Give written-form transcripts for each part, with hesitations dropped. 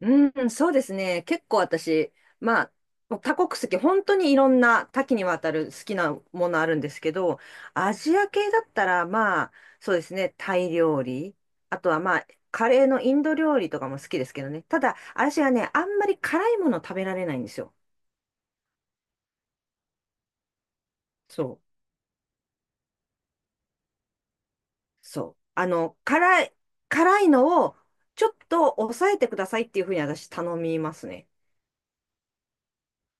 うん、そうですね。結構私、まあ、もう多国籍、本当にいろんな多岐にわたる好きなものあるんですけど、アジア系だったら、そうですね、タイ料理、あとは、カレーのインド料理とかも好きですけどね。ただ、私はね、あんまり辛いもの食べられないんですよ。そう、そう。辛いのをちょっと抑えてくださいっていうふうに私頼みますね。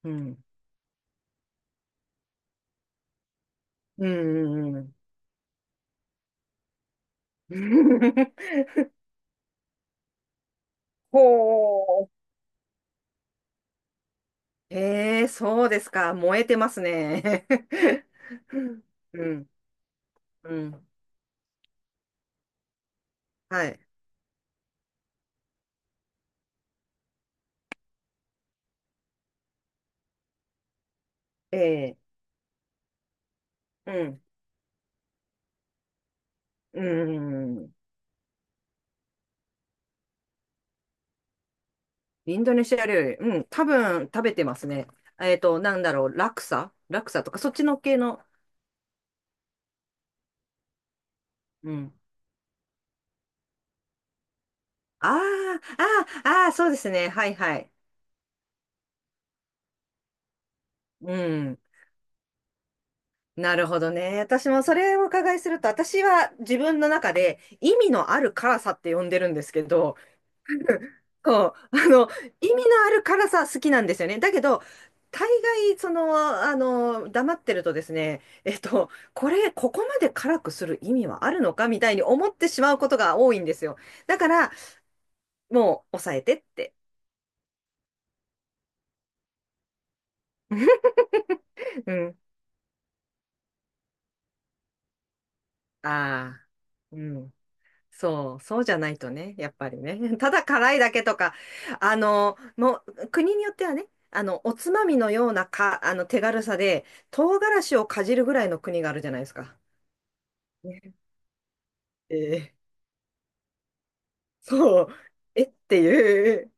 うん。うんうんうん。ほう。ええ、そうですか。燃えてますね。うん、うん、はい。ええ、うん、うん。インドネシア料理、うん、多分食べてますね。ラクサラクサとか、そっちの系の。うん。ああ、ああ、ああ、そうですね。はいはい。うん。なるほどね。私もそれをお伺いすると、私は自分の中で意味のある辛さって呼んでるんですけど、そう、意味のある辛さ好きなんですよね。だけど、大概、黙ってるとですね、ここまで辛くする意味はあるのかみたいに思ってしまうことが多いんですよ。だから、もう、抑えてって。うん。ああ、うん。そう、そうじゃないとね、やっぱりね。ただ辛いだけとか、もう、国によってはね、おつまみのようなか、手軽さで、唐辛子をかじるぐらいの国があるじゃないですか。えーそう、えっていう、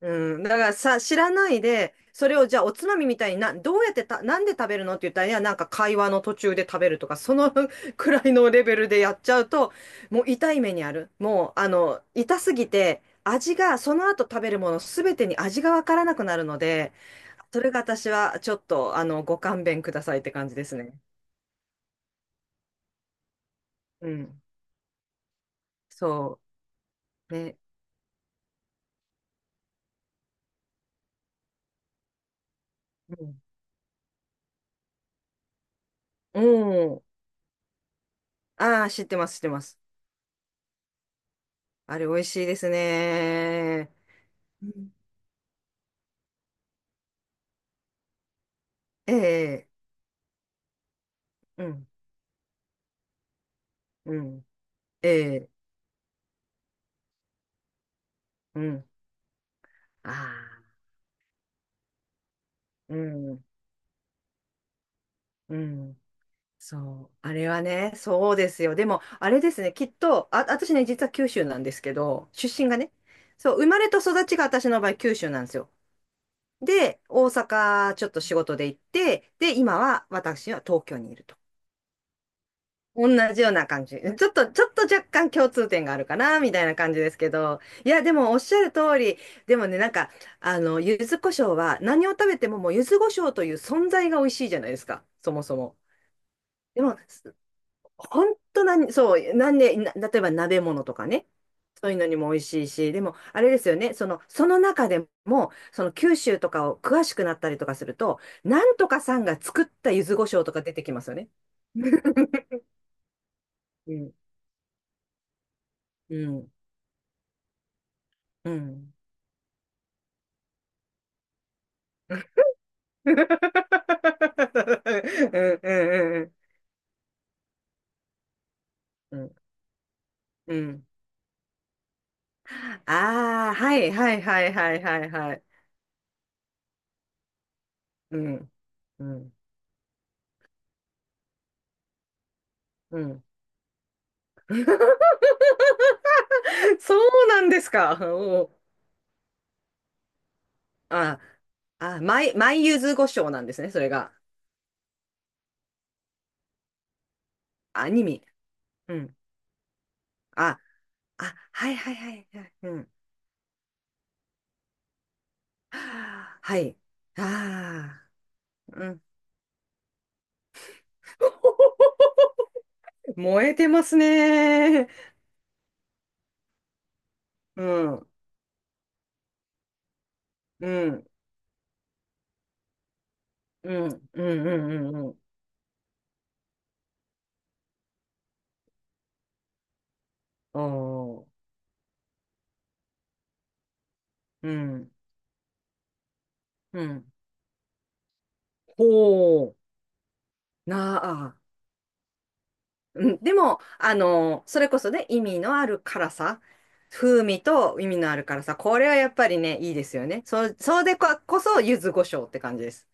うん、だからさ、知らないで、それをじゃあおつまみみたいにな、どうやってた、なんで食べるのって言ったら、いや、なんか会話の途中で食べるとか、その くらいのレベルでやっちゃうと、もう痛い目にある。もう、痛すぎて、味が、その後食べるものすべてに味がわからなくなるので、それが私はちょっと、ご勘弁くださいって感じですね。うん、そう、ね。うん、うん、ああ、知ってます、知ってます。あれ美味しいですね。うんええ、うん、うん、ええ、うん、ああ、うん、うん、そう、あれはね、そうですよ。でも、あれですね、きっと、あ、私ね、実は九州なんですけど、出身がね、そう、生まれと育ちが私の場合、九州なんですよ。で、大阪、ちょっと仕事で行って、で、今は私は東京にいると。同じような感じ。ちょっと若干共通点があるかな、みたいな感じですけど。いや、でもおっしゃる通り、でもね、なんか、柚子胡椒は何を食べてももう柚子胡椒という存在が美味しいじゃないですか、そもそも。でも、本当何、そう、なんで、な例えば鍋物とかね、そういうのにも美味しいし、でも、あれですよね、その中でも、その九州とかを詳しくなったりとかすると、なんとかさんが作った柚子胡椒とか出てきますよね。うん、うん、うん。うんうんうんうんうん。うんああはいはいはいはいはいはい。うん。うん。うん。そうなんですか。おーあ、あ、マイ、マイユズゴショなんですね、それが。アニメ。うん。あ、あ、はいはいはいはい。うん。はい。ああ、うん。燃えてますねうん。うん。うん、うん、うん、うん、うん。おー、うん、うん。ほう、なあ。うん、でも、あの、それこそね、意味のある辛さ。風味と意味のある辛さ。これはやっぱりね、いいですよね。そ、そうでこ、こそ、柚子胡椒って感じです。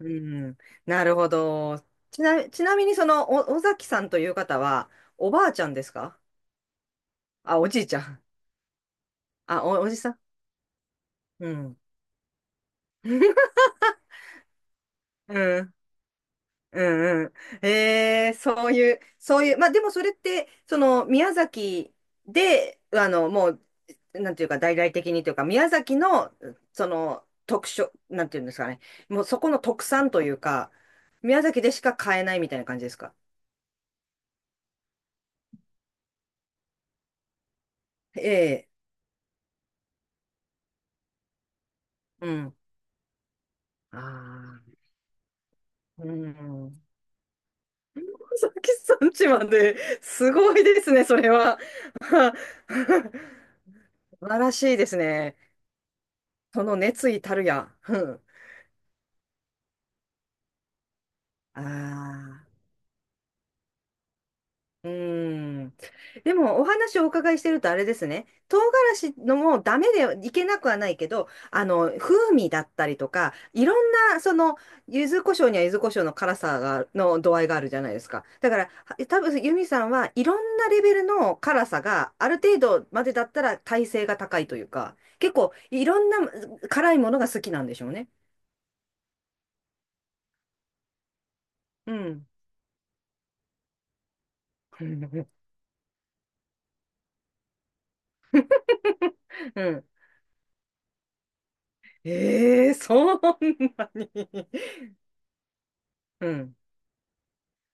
うん、なるほど。ちなみに、尾崎さんという方は、おばあちゃんですかあ、おじいちゃん。おじさんうん。うん。うんうん。えー、そういう、そういう、まあでもそれって、その宮崎で、もう、なんていうか、大々的にというか、宮崎の、その、特色、なんていうんですかね、もうそこの特産というか、宮崎でしか買えないみたいな感じですか。ええ、うん。ああ、うん。宮崎産地まで、すごいですね、それは。素晴らしいですね。その熱意たるや。うん。ああ。うーん。でも、お話をお伺いしてるとあれですね。唐辛子のもダメでいけなくはないけど、風味だったりとか、いろんな、その、柚子胡椒には柚子胡椒の辛さが、の度合いがあるじゃないですか。だから、は多分、ユミさんはいろんなレベルの辛さがある程度までだったら耐性が高いというか、結構いろんな辛いものが好きなんでしょうね。うん。うん。ええー、そんなに。うん。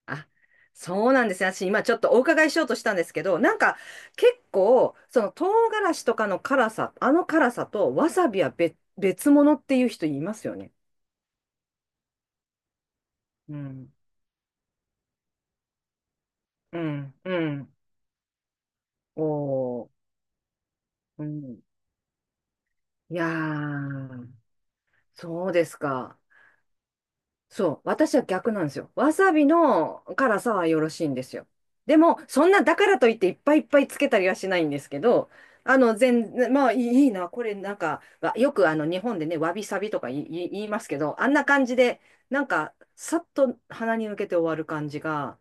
あ、そうなんですね。私今ちょっとお伺いしようとしたんですけど、なんか結構、その唐辛子とかの辛さ、あの辛さとわさびは別、別物っていう人いますよね。うん、うん、うん。おー、うん。いやー、そうですか。そう。私は逆なんですよ。わさびの辛さはよろしいんですよ。でも、そんな、だからといっていっぱいいっぱいつけたりはしないんですけど、全、いいいいな、これなんか、わよく日本でね、わびさびとか言い、言い言いますけど、あんな感じで、なんか、さっと鼻に抜けて終わる感じが、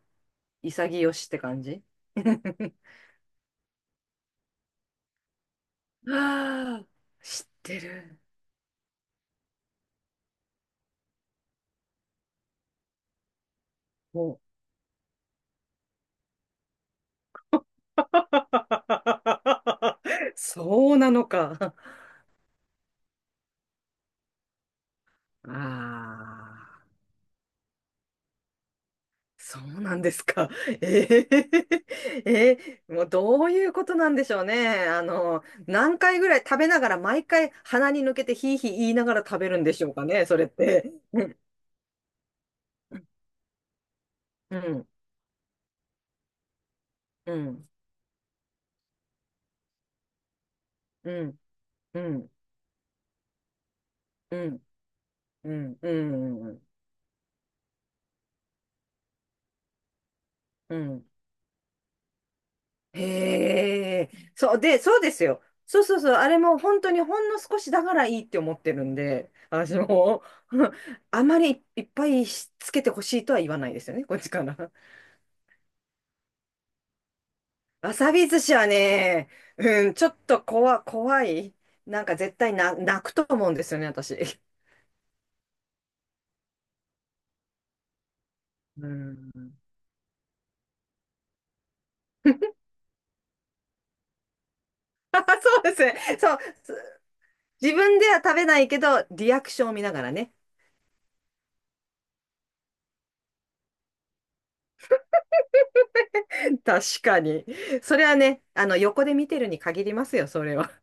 潔しって感じ。はあ、知ってる。もう、そうなのか。ああ。そうなんですか。ええ、ええ、もうどういうことなんでしょうね。何回ぐらい食べながら、毎回鼻に抜けてヒーヒー言いながら食べるんでしょうかね、それって。うん、うん、うん、うん、うん、うん、うん、うん。へえ、そう、で、そうですよ。そうそうそう、あれも本当にほんの少しだからいいって思ってるんで、私も、あまりいっぱいしつけてほしいとは言わないですよね、こっちから。わさび寿司はね、うん、ちょっと怖い。なんか絶対な、泣くと思うんですよね、私。うん。あ、そうですね。そう。自分では食べないけど、リアクションを見ながらね。確かに。それはね、あの、横で見てるに限りますよ、それは。